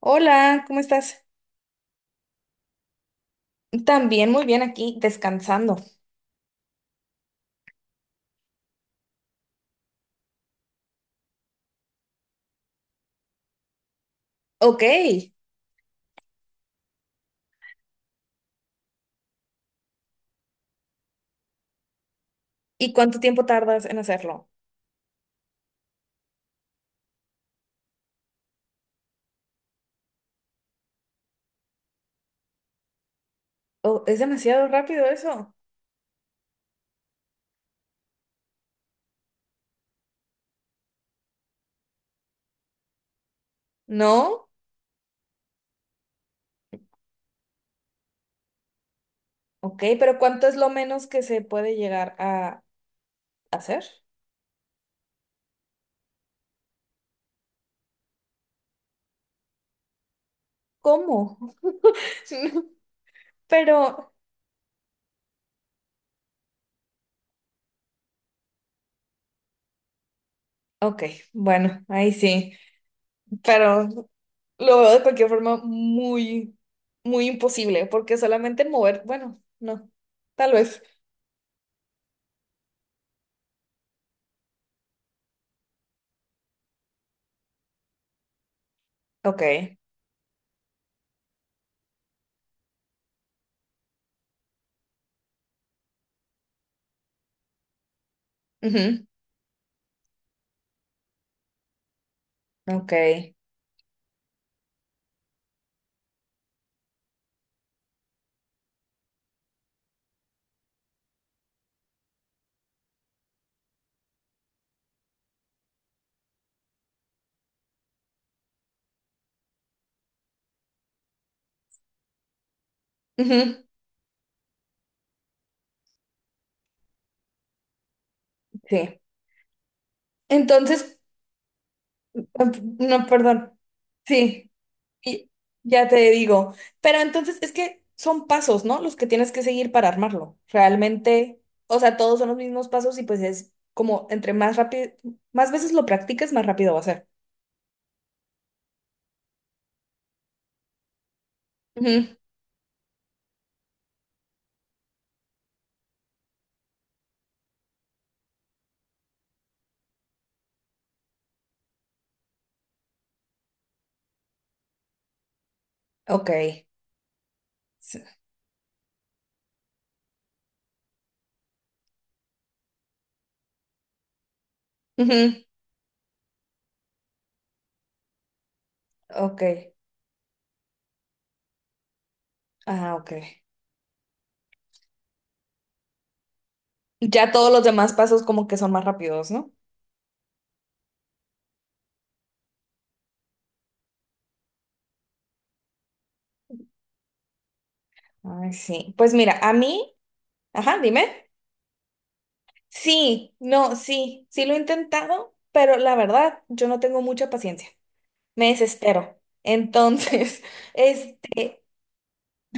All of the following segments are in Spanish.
Hola, ¿cómo estás? También muy bien aquí, descansando. Ok, ¿y cuánto tiempo tardas en hacerlo? Oh, es demasiado rápido eso. ¿No? Ok, pero ¿cuánto es lo menos que se puede llegar a hacer? ¿Cómo? No. Pero, ok, bueno, ahí sí, pero lo veo de cualquier forma muy imposible, porque solamente mover, bueno, no, tal vez. Ok, ujú, ok, ujú, sí. Entonces, No, no, perdón. Sí, y ya te digo. Pero entonces es que son pasos, ¿no? Los que tienes que seguir para armarlo. Realmente, o sea, todos son los mismos pasos y pues es como entre más rápido, más veces lo practiques, más rápido va a ser. Ujú, ok. Sí. Ujú, ok. Ah, ok. Ya todos los demás pasos como que son más rápidos, ¿no? Ay, sí. Pues mira, a mí, ajá, dime. Sí, no, sí, sí lo he intentado, pero la verdad, yo no tengo mucha paciencia. Me desespero. Entonces, este,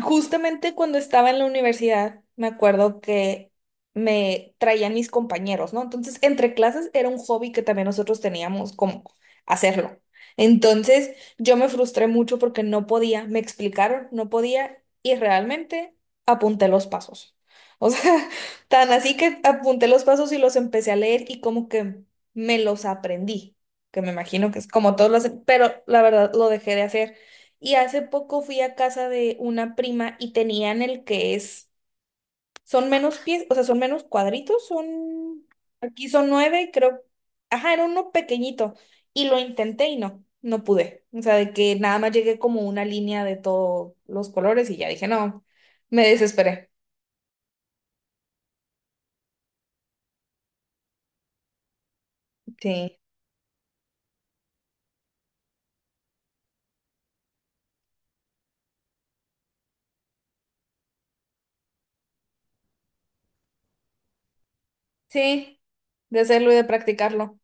justamente cuando estaba en la universidad, me acuerdo que me traían mis compañeros, ¿no? Entonces, entre clases era un hobby que también nosotros teníamos como hacerlo. Entonces, yo me frustré mucho porque no podía, me explicaron, no podía y realmente apunté los pasos. O sea, tan así que apunté los pasos y los empecé a leer y como que me los aprendí, que me imagino que es como todos los, pero la verdad lo dejé de hacer y hace poco fui a casa de una prima y tenían el que es, son menos pies, o sea, son menos cuadritos, son, aquí son nueve y creo, ajá, era uno pequeñito y lo intenté y no, no pude. O sea, de que nada más llegué como una línea de todos los colores y ya dije, no, me desesperé. Sí, sí, de hacerlo y de practicarlo.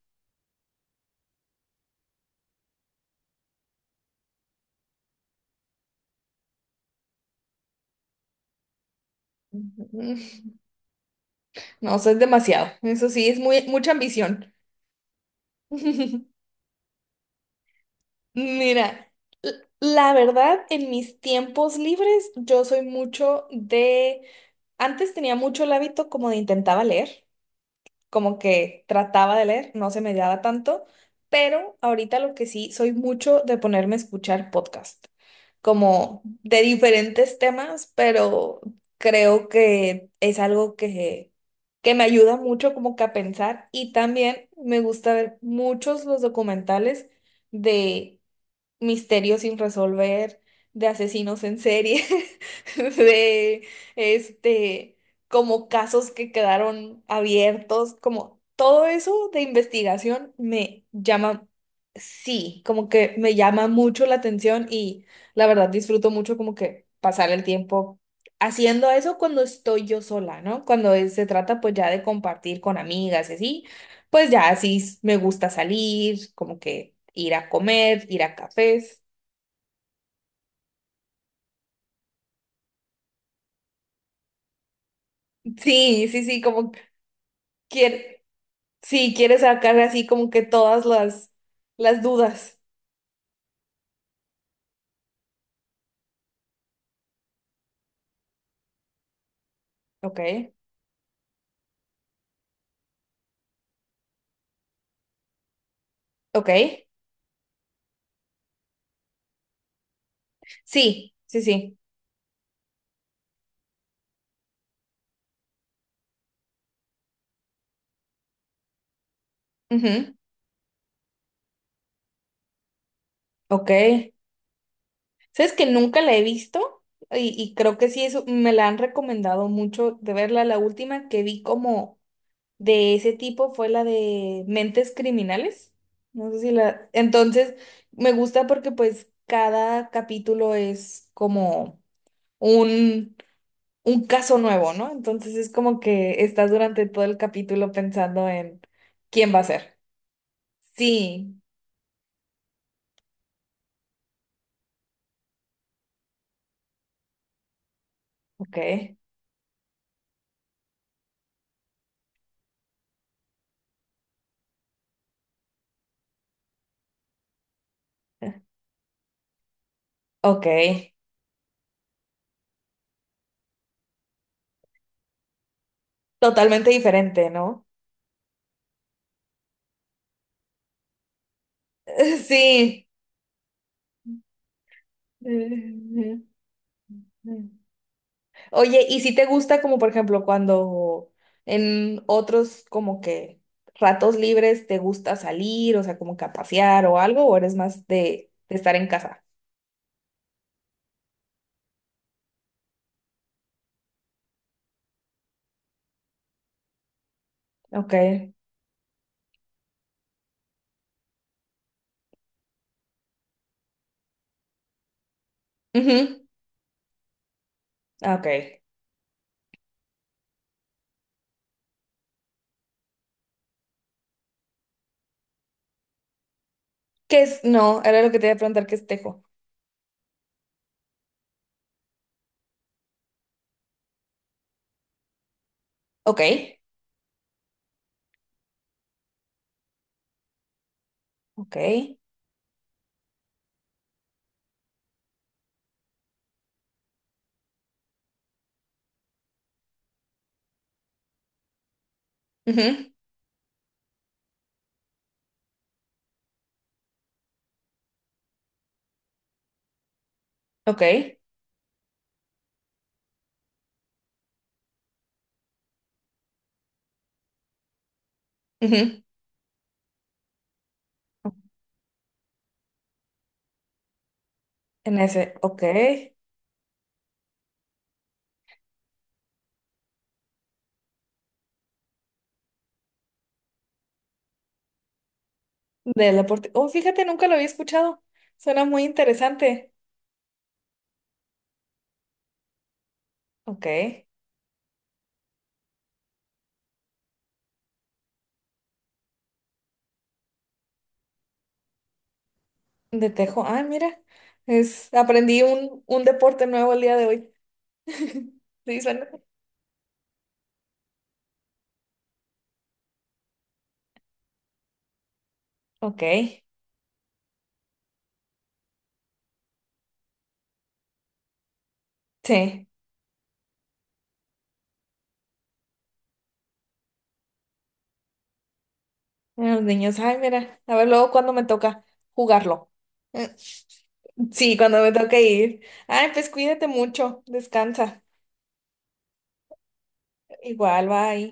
Ujú. No, eso es demasiado. Eso sí, es muy, mucha ambición. Mira, l- la verdad, en mis tiempos libres, yo soy mucho de... Antes tenía mucho el hábito como de intentaba leer, como que trataba de leer, no se me daba tanto, pero ahorita lo que sí, soy mucho de ponerme a escuchar podcast, como de diferentes temas, pero creo que es algo que me ayuda mucho como que a pensar y también me gusta ver muchos los documentales de misterios sin resolver, de asesinos en serie, de este, como casos que quedaron abiertos, como todo eso de investigación me llama, sí, como que me llama mucho la atención y la verdad disfruto mucho como que pasar el tiempo. Haciendo eso cuando estoy yo sola, ¿no? Cuando se trata pues ya de compartir con amigas y así, pues ya así me gusta salir, como que ir a comer, ir a cafés. Sí, sí, sí, como quiere, sí, quiere sacar así como que todas las dudas. Ok, ok. Sí, sí, sí. Ujú, ok. ¿Sabes que nunca la he visto? Y creo que sí, eso me la han recomendado mucho de verla. La última que vi como de ese tipo fue la de Mentes Criminales. No sé si la... Entonces, me gusta porque pues cada capítulo es como un, un caso nuevo, ¿no? Entonces es como que estás durante todo el capítulo pensando en quién va a ser. Sí, ok, ok. Totalmente diferente, ¿no? Sí. Oye, ¿y si te gusta como por ejemplo cuando en otros como que ratos libres te gusta salir, o sea, como que a pasear o algo, o eres más de estar en casa? Ok. Ujú, ah, ok. ¿Qué es? No, era lo que te iba a preguntar, ¿qué es tejo? Ok. Ok. Ujú, ok. Ujú. En ese, ok. Del deporte. Oh, fíjate, nunca lo había escuchado. Suena muy interesante. Ok. De tejo. Ah, mira, es, aprendí un deporte nuevo el día de hoy. Sí, suena. Ok, sí. Los niños, ay, mira, a ver luego cuando me toca jugarlo. Eh, Sí, cuando me toque ir. Ay, pues cuídate mucho, descansa. Igual, bye.